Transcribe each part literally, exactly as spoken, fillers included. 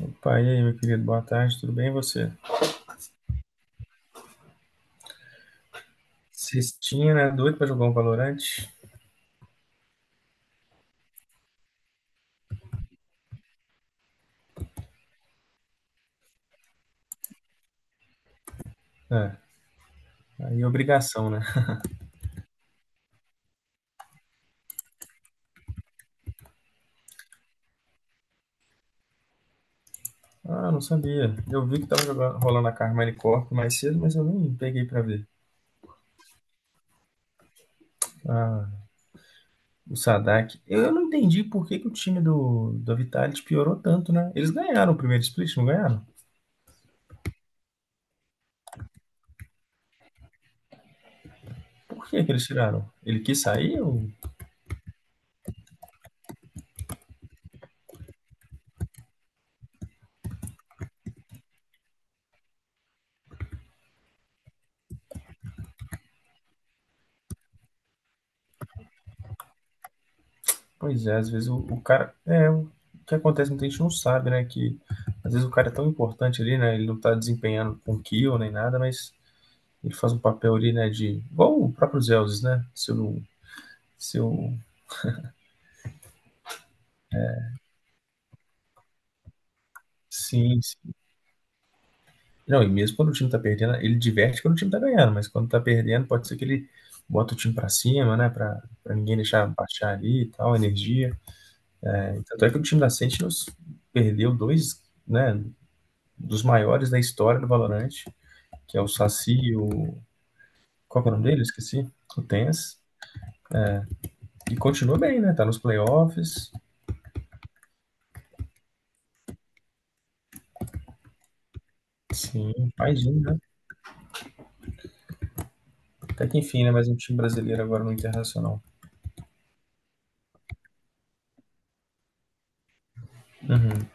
Opa, e aí, meu querido, boa tarde, tudo bem e você? Cestinha, né? Doido pra jogar um Valorante? É, aí é obrigação, né? Ah, não sabia. Eu vi que tava jogando, rolando a Carmine Corp mais cedo, mas eu nem peguei pra ver. Ah, o Sadak. Eu não entendi por que que o time do, do Vitality piorou tanto, né? Eles ganharam o primeiro split, não ganharam? Por que que eles tiraram? Ele quis sair ou pois é, às vezes o, o cara. É, o que acontece, muita gente não sabe, né? Que às vezes o cara é tão importante ali, né? Ele não tá desempenhando com kill nem nada, mas ele faz um papel ali, né. De. Igual o próprio Zeus, né? Seu, seu sim, sim. Não, e mesmo quando o time tá perdendo, ele diverte quando o time tá ganhando, mas quando tá perdendo, pode ser que ele bota o time pra cima, né? Pra, pra ninguém deixar baixar ali e tal, energia. É, tanto é que o time da Sentinels perdeu dois, né? Dos maiores da história do Valorant, que é o Saci. O. Qual que é o nome dele? Esqueci. O Tens. E continua bem, né? Tá nos playoffs. Sim, mais um, né? Até que enfim, né? Mais um time brasileiro agora no Internacional. Uhum,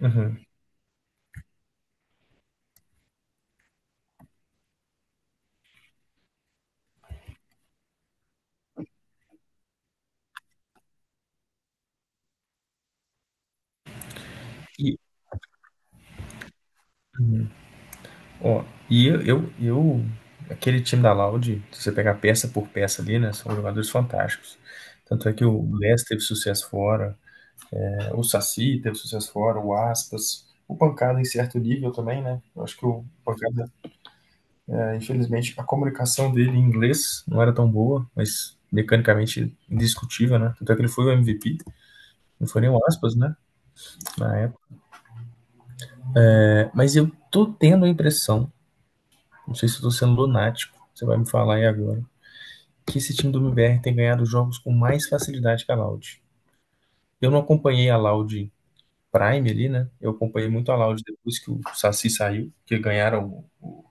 uhum. E, ó, e eu, eu, eu- aquele time da Laude, se você pegar peça por peça ali, né? São jogadores fantásticos. Tanto é que o Les teve sucesso fora, né, o Saci teve sucesso fora, o Aspas, o Pancada em certo nível também, né? Eu acho que o Pancada, infelizmente, a comunicação dele em inglês não era tão boa, mas mecanicamente indiscutível, né? Tanto é que ele foi o M V P, não foi nem o aspas, né? Na época. É, mas eu tô tendo a impressão, não sei se eu tô sendo lunático, você vai me falar aí agora, que esse time do M B R tem ganhado jogos com mais facilidade que a Loud. Eu não acompanhei a Loud Prime ali, né? Eu acompanhei muito a Loud depois que o Saci saiu, que ganharam o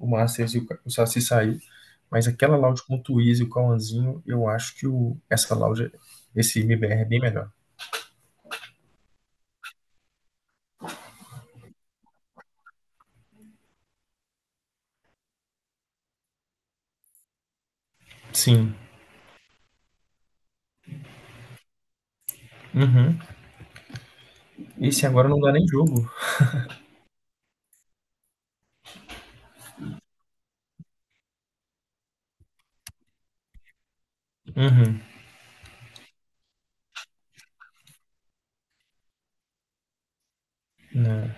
o Masters e o, Ca- o Saci sair, mas aquela loud com o Twiz e o Cauãzinho, eu acho que o, essa loud, esse M B R é bem melhor. Sim. Uhum. Esse agora não dá nem jogo. Uhum. Né?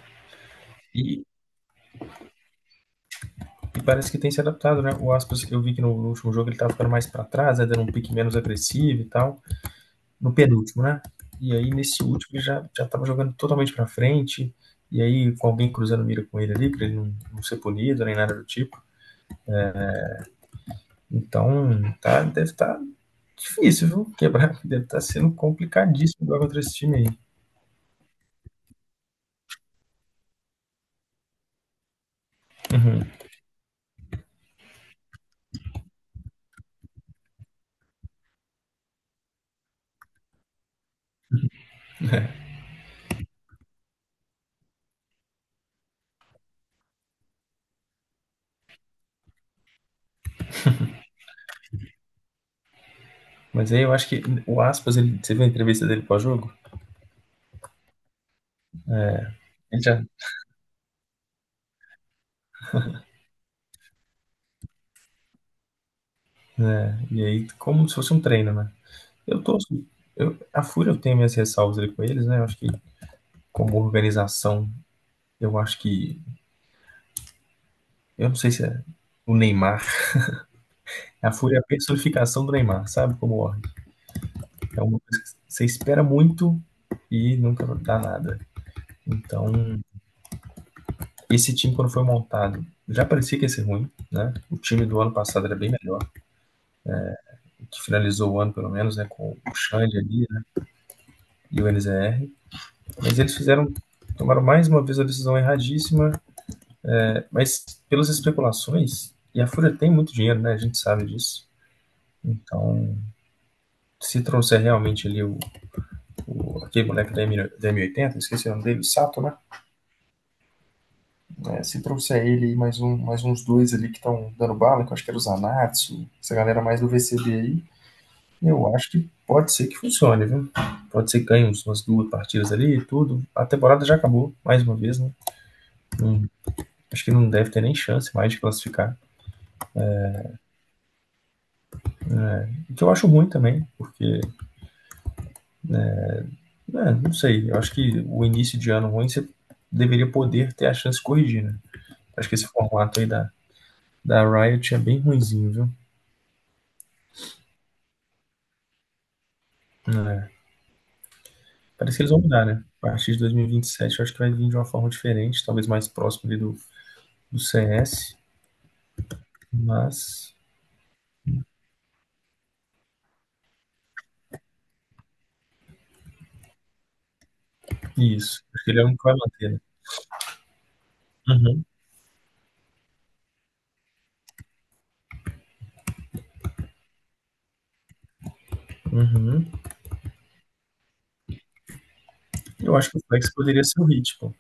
E, e parece que tem se adaptado, né? O Aspas, eu vi que no, no último jogo ele tava ficando mais pra trás, né? Dando um pique menos agressivo e tal. No penúltimo, né? E aí nesse último ele já, já tava jogando totalmente pra frente. E aí com alguém cruzando mira com ele ali, pra ele não, não ser punido nem nada do tipo. Então, tá, deve estar difícil, viu? Quebrar deve estar sendo complicadíssimo jogar contra esse time aí. Uhum. Mas aí eu acho que o Aspas, ele, você viu a entrevista dele pós-jogo? Ele já. É, e aí, como se fosse um treino, né? Eu tô. Eu, a Fúria eu tenho minhas ressalvas ali com eles, né? Eu acho que, como organização, eu acho que. Eu não sei se é o Neymar. A Fúria é a personificação do Neymar, sabe? Como org. É uma coisa que você espera muito e nunca dá nada. Então, esse time, quando foi montado, já parecia que ia ser ruim, né? O time do ano passado era bem melhor, que finalizou o ano, pelo menos, né? Com o Xande ali, né? E o N Z R. Mas eles fizeram, tomaram mais uma vez a decisão erradíssima, né, mas pelas especulações, e a Fúria tem muito dinheiro, né? A gente sabe disso. Então, se trouxer realmente ali o, o aquele moleque da, M, da esqueci o nome dele, o Sato, né? É, se trouxer ele e mais, um, mais uns dois ali que estão dando bala, que eu acho que era o Zanatsu, essa galera mais do V C B aí, eu acho que pode ser que funcione, viu? Pode ser que ganhe uns- umas duas partidas ali e tudo. A temporada já acabou, mais uma vez, né? Não- acho que não deve ter nem chance mais de classificar. O que eu acho ruim também, porque, né, não sei, eu acho que o início de ano ruim você deveria poder ter a chance de corrigir, né? Acho que esse formato aí da, da Riot é bem ruinzinho, viu? É. Parece que eles vão mudar, né? A partir de dois mil e vinte e sete, eu acho que vai vir de uma forma diferente, talvez mais próximo ali do, do C S, mas isso. Acho que ele é o único que vai manter, né? Uhum, uhum. Eu acho que o flex poderia ser o Hit, pô.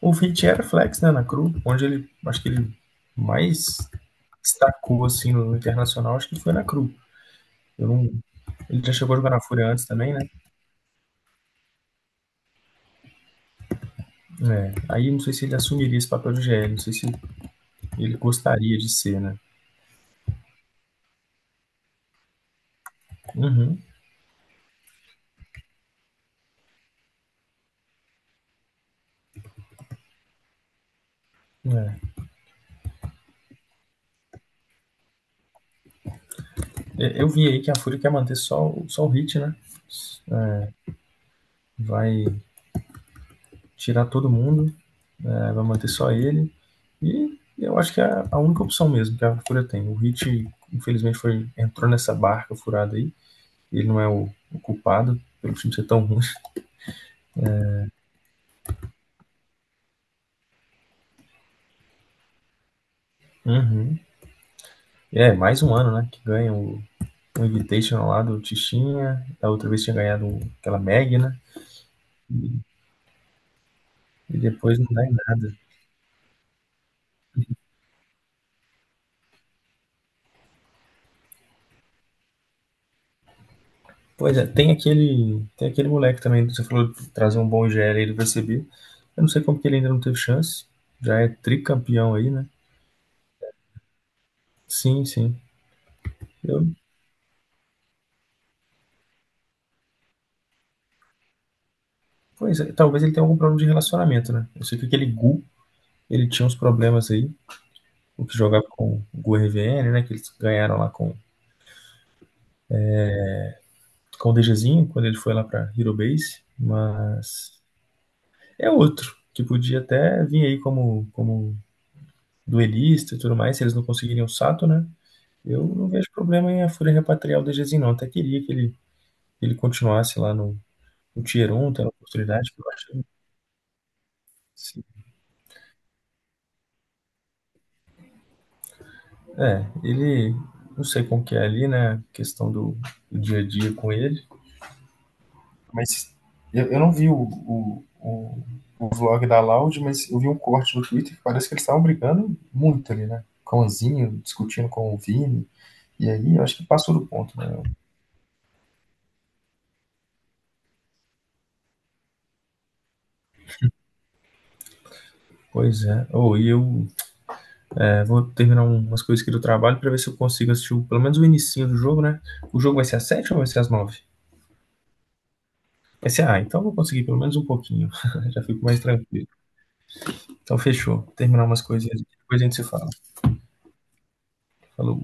O Hit era flex, né, na Cru, onde ele, acho que ele mais destacou, assim, no internacional, acho que foi na Cru. Eu não, ele já chegou a jogar na Fúria antes também, né? É, aí não sei se ele assumiria esse papel de G L, não sei se ele gostaria de ser, né? Uhum, é. É, eu vi aí que a Fúria quer manter só, o- só o Hit, né? Vai tirar todo mundo. É, vai manter só ele. E eu acho que é a única opção mesmo que a Fúria tem. O Hit, infelizmente, foi, entrou nessa barca furada aí. Ele não é o, o culpado pelo time ser tão ruim. Uhum. É, mais um ano, né? Que ganha o, o Invitational lá do Tichinha. Da outra vez tinha ganhado aquela Meg, né? E depois não dá em nada. Pois é, tem aquele, tem aquele moleque também, você falou de trazer um bom I G L aí do P C B. Eu não sei como que ele ainda não teve chance. Já é tricampeão aí, né? Sim, sim. Eu, pois é, talvez ele tenha algum problema de relacionamento, né? Eu sei que aquele Gu, ele tinha uns problemas aí, o que jogava com o Gu R V N, né? Que eles ganharam lá com, com o DGzinho, quando ele foi lá pra Hero Base, mas é outro, que podia até vir aí como, como duelista e tudo mais, se eles não conseguiriam o Sato, né? Eu não vejo problema em a Fúria repatriar o DGzinho, não. Até queria que ele, ele continuasse lá no, no Tier um, tendo a oportunidade, porque eu acho que é, ele, não sei como que é ali, né, a questão do, do dia a dia com ele, mas eu, eu não vi o, o, o, o vlog da Loud, mas eu vi um corte no Twitter que parece que eles estavam brigando muito ali, né, com o Zinho, discutindo com o Vini, e aí eu acho que passou do ponto, né. Pois é, ou e eu é, vou terminar umas coisas aqui do trabalho para ver se eu consigo assistir o- pelo menos o inicinho do jogo, né, o jogo vai ser às sete ou vai ser às nove? Vai ser, ah, então eu vou conseguir pelo menos um pouquinho, já fico mais tranquilo. Então fechou. Terminar umas coisinhas aqui, depois a gente se fala. Falou.